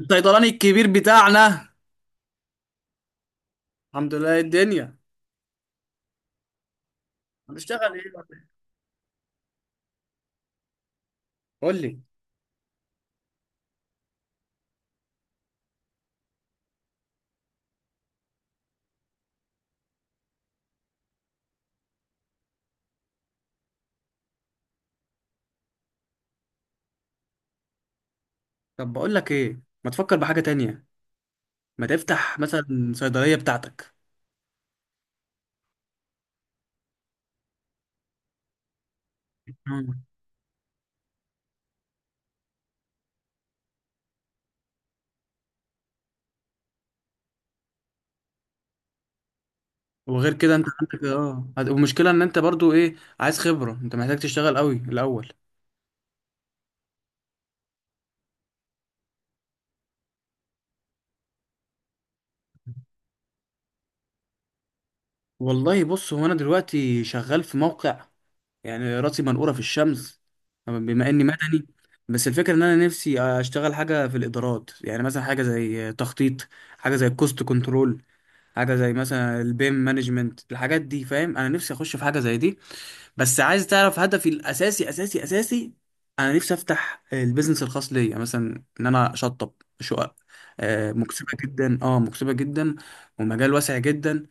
الصيدلاني الكبير بتاعنا. الحمد لله، إيه الدنيا؟ هنشتغل ايه ولا إيه؟ قول لي. طب بقول لك ايه، ما تفكر بحاجة تانية؟ ما تفتح مثلا صيدلية بتاعتك. مم. وغير كده انت عندك والمشكلة ان انت برضو ايه، عايز خبرة، انت محتاج تشتغل قوي الاول. والله بص، هو انا دلوقتي شغال في موقع، يعني راسي منقورة في الشمس بما اني مدني. بس الفكرة ان انا نفسي اشتغل حاجة في الادارات، يعني مثلا حاجة زي تخطيط، حاجة زي الكوست كنترول، حاجه زي مثلا البيم مانجمنت. الحاجات دي فاهم، انا نفسي اخش في حاجه زي دي. بس عايز تعرف هدفي الاساسي اساسي اساسي، انا نفسي افتح البيزنس الخاص ليا، مثلا ان انا اشطب شقق. مكسبه جدا، اه مكسبه جدا ومجال واسع جدا.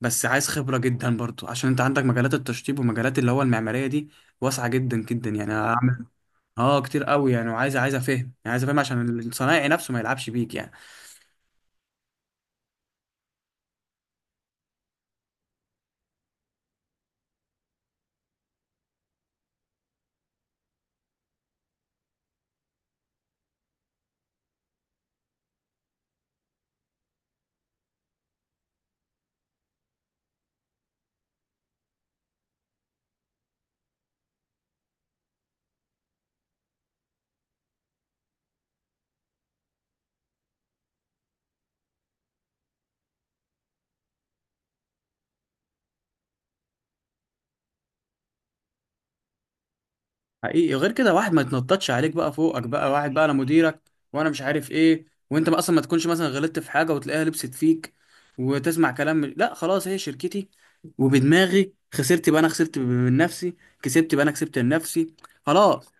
بس عايز خبره جدا برضو، عشان انت عندك مجالات التشطيب ومجالات اللي هو المعماريه دي واسعه جدا جدا. يعني انا اعمل، اه كتير قوي يعني. وعايز افهم، عايز افهم عشان الصنايعي نفسه ما يلعبش بيك يعني. حقيقي، غير كده واحد ما يتنططش عليك بقى، فوقك بقى واحد بقى انا مديرك وانا مش عارف ايه، وانت ما اصلا ما تكونش مثلا غلطت في حاجه وتلاقيها لبست فيك وتسمع كلام لا خلاص، هي شركتي. وبدماغي خسرت بقى، انا خسرت من نفسي. كسبت بقى، انا كسبت من نفسي. خلاص.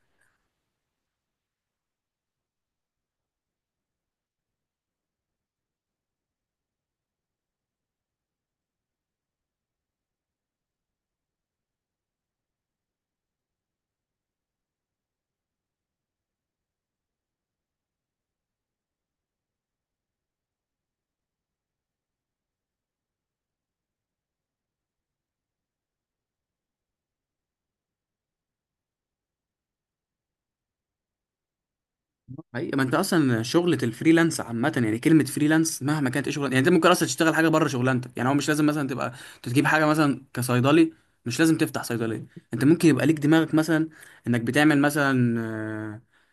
حقيقة، ما انت اصلا شغلة الفريلانس عامة، يعني كلمة فريلانس مهما كانت ايه شغلانة، يعني انت ممكن اصلا تشتغل حاجة بره شغلانتك. يعني هو مش لازم مثلا تبقى تجيب حاجة مثلا كصيدلي، مش لازم تفتح صيدلية. انت ممكن يبقى ليك دماغك، مثلا انك بتعمل مثلا،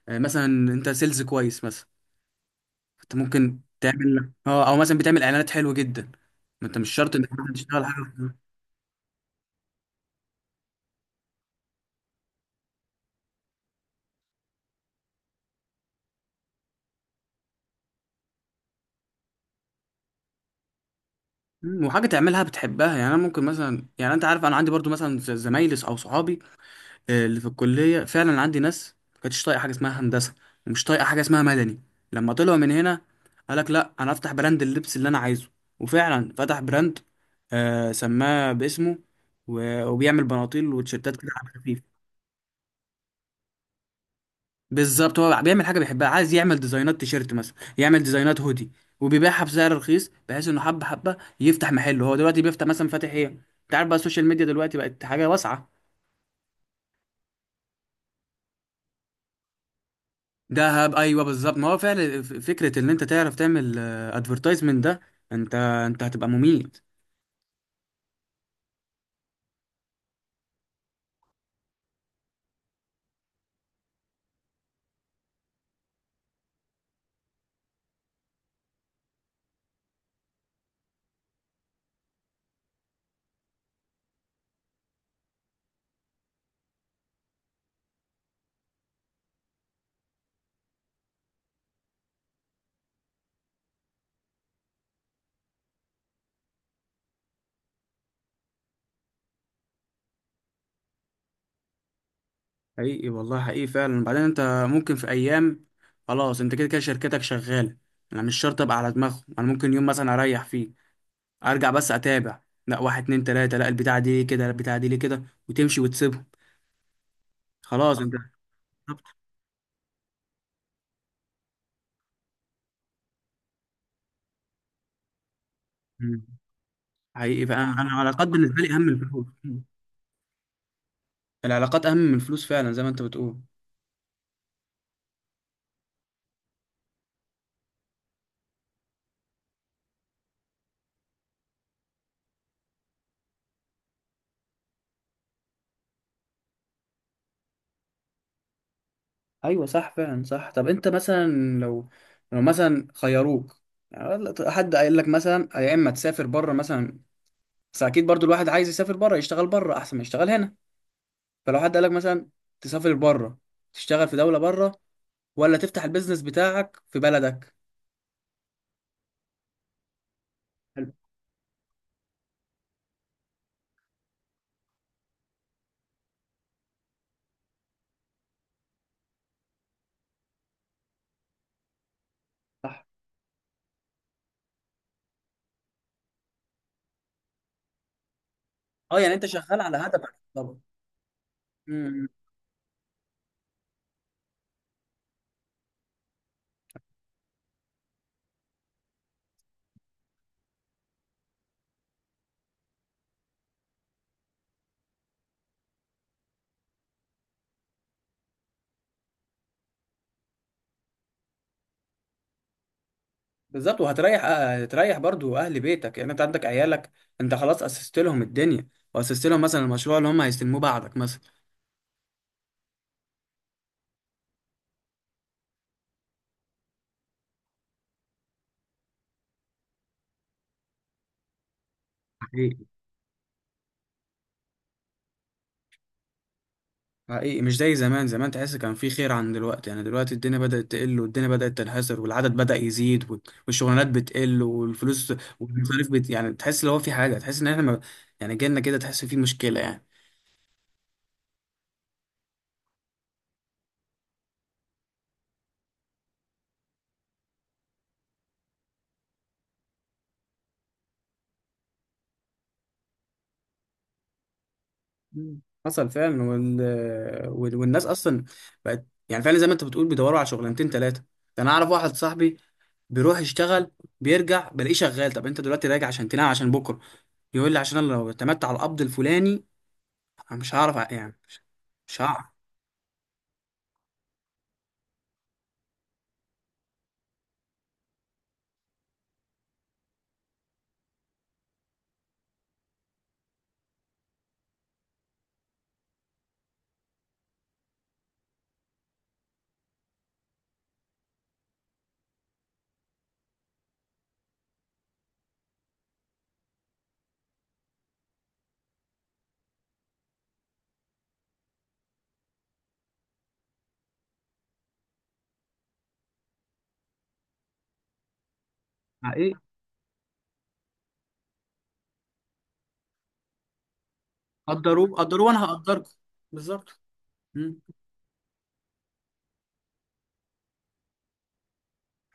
مثلا انت سيلز كويس، مثلا انت ممكن تعمل اه، او مثلا بتعمل اعلانات حلوة جدا. ما انت مش شرط انك مثلاً تشتغل حاجة. وحاجة تعملها بتحبها. يعني انا ممكن مثلا، يعني انت عارف، انا عندي برضو مثلا زمايلي او صحابي اللي في الكلية، فعلا عندي ناس ما كانتش طايقة حاجة اسمها هندسة ومش طايقة حاجة اسمها مدني. لما طلعوا من هنا، قالك لا أنا أفتح براند اللبس اللي أنا عايزه. وفعلا فتح براند، آه سماه باسمه، وبيعمل بناطيل وتيشيرتات كده على خفيف. بالظبط، هو بيعمل حاجة بيحبها، عايز يعمل ديزاينات تيشيرت، مثلا يعمل ديزاينات هودي، وبيبيعها بسعر رخيص بحيث انه حبة حبة يفتح محله. هو دلوقتي بيفتح مثلا، فاتح ايه انت عارف بقى، السوشيال ميديا دلوقتي بقت حاجة واسعة. دهب، ايوه بالظبط. ما هو فعلا فكره ان انت تعرف تعمل ادفرتايزمنت ده، انت هتبقى مميت. حقيقي والله، حقيقي فعلا. وبعدين انت ممكن في ايام، خلاص انت كده كده شركتك شغاله، انا مش شرط ابقى على دماغهم. انا ممكن يوم مثلا اريح فيه، ارجع بس اتابع. لا، واحد اتنين تلاته، لا البتاعه دي ليه كده، لا البتاعه دي ليه كده، وتمشي وتسيبهم. خلاص انت. بالظبط. مم. حقيقي، فانا العلاقات بالنسبه لي اهم من الفلوس. مم. العلاقات اهم من الفلوس فعلا، زي ما انت بتقول. ايوه صح، فعلا صح. طب انت مثلا، لو، لو مثلا خيروك، يعني حد قايل لك مثلا يا اما تسافر بره مثلا، بس اكيد برضو الواحد عايز يسافر بره، يشتغل بره احسن ما يشتغل هنا. فلو حد قال لك مثلا تسافر بره، تشتغل في دوله بره، ولا تفتح البيزنس بتاعك في بلدك؟ حلو. صح. اه، يعني انت شغال على هدفك طبعا. امم. بالظبط، وهتريح، هتريح برضو اهل بيتك. يعني انت عندك عيالك، انت خلاص اسست لهم الدنيا، واسست لهم مثلا المشروع اللي هم هيستلموه بعدك مثلا. صحيح. حقيقي، مش زي زمان. زمان تحس كان في خير عن دلوقتي، يعني دلوقتي الدنيا بدأت تقل، والدنيا بدأت تنحسر، والعدد بدأ يزيد، والشغلانات بتقل، والفلوس والمصاريف بت... يعني تحس لو في حاجة، تحس ان احنا ما... يعني جيلنا كده تحس في مشكلة يعني. مم. حصل فعلا. وال... وال... والناس اصلا بقت، يعني فعلا زي ما انت بتقول، بيدوروا على شغلانتين ثلاثة. ده انا اعرف واحد صاحبي، بيروح يشتغل، بيرجع بلاقيه شغال. طب انت دلوقتي راجع عشان تنام عشان بكرة؟ يقول لي عشان انا لو اعتمدت على القبض الفلاني، انا مش هعرف يعني مش هعرف. حقيقي. قدروه وانا هقدركم. بالظبط. مم.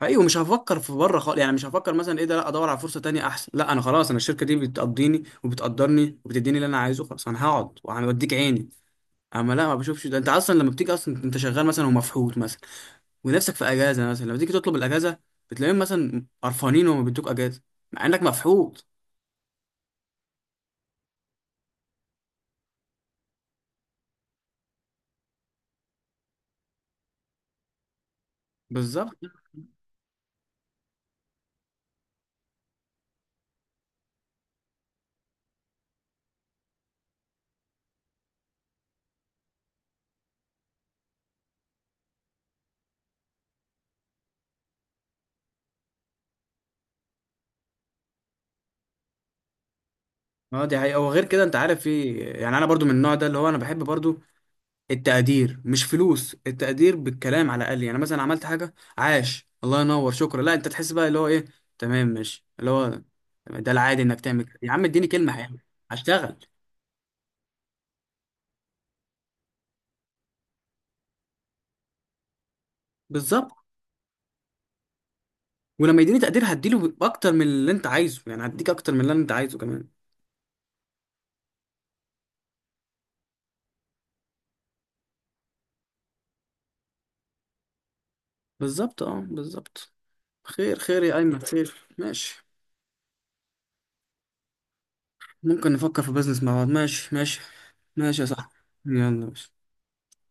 حقيقي، ومش هفكر في بره خالص، يعني مش هفكر مثلا ايه ده، لا ادور على فرصه تانية احسن، لا انا خلاص، انا الشركه دي بتقضيني وبتقدرني وبتديني اللي انا عايزه، خلاص انا هقعد وهوديك عيني. اما لا، ما بشوفش ده. انت اصلا لما بتيجي، اصلا انت شغال مثلا ومفحوط مثلا ونفسك في اجازه، مثلا لما تيجي تطلب الاجازه بتلاقيهم مثلا قرفانين وما بيدوك اجازه مع انك مفحوط. بالظبط. اه دي حقيقه. وغير كده انت عارف في، يعني انا برضو من النوع ده اللي هو، انا بحب برضو التقدير، مش فلوس، التقدير بالكلام على الاقل. يعني مثلا عملت حاجه، عاش، الله ينور، شكرا. لا انت تحس بقى اللي هو ايه، تمام ماشي اللي هو، ده العادي انك تعمل كده يا عم، اديني كلمه حلوه هشتغل. بالظبط. ولما يديني تقدير هديله اكتر من اللي انت عايزه، يعني هديك اكتر من اللي انت عايزه كمان. بالظبط، اه بالظبط. خير خير يا ايمن، خير ماشي. ممكن نفكر في بزنس مع بعض، ماشي ماشي. ماشي يا صاحبي. يلا ماشي.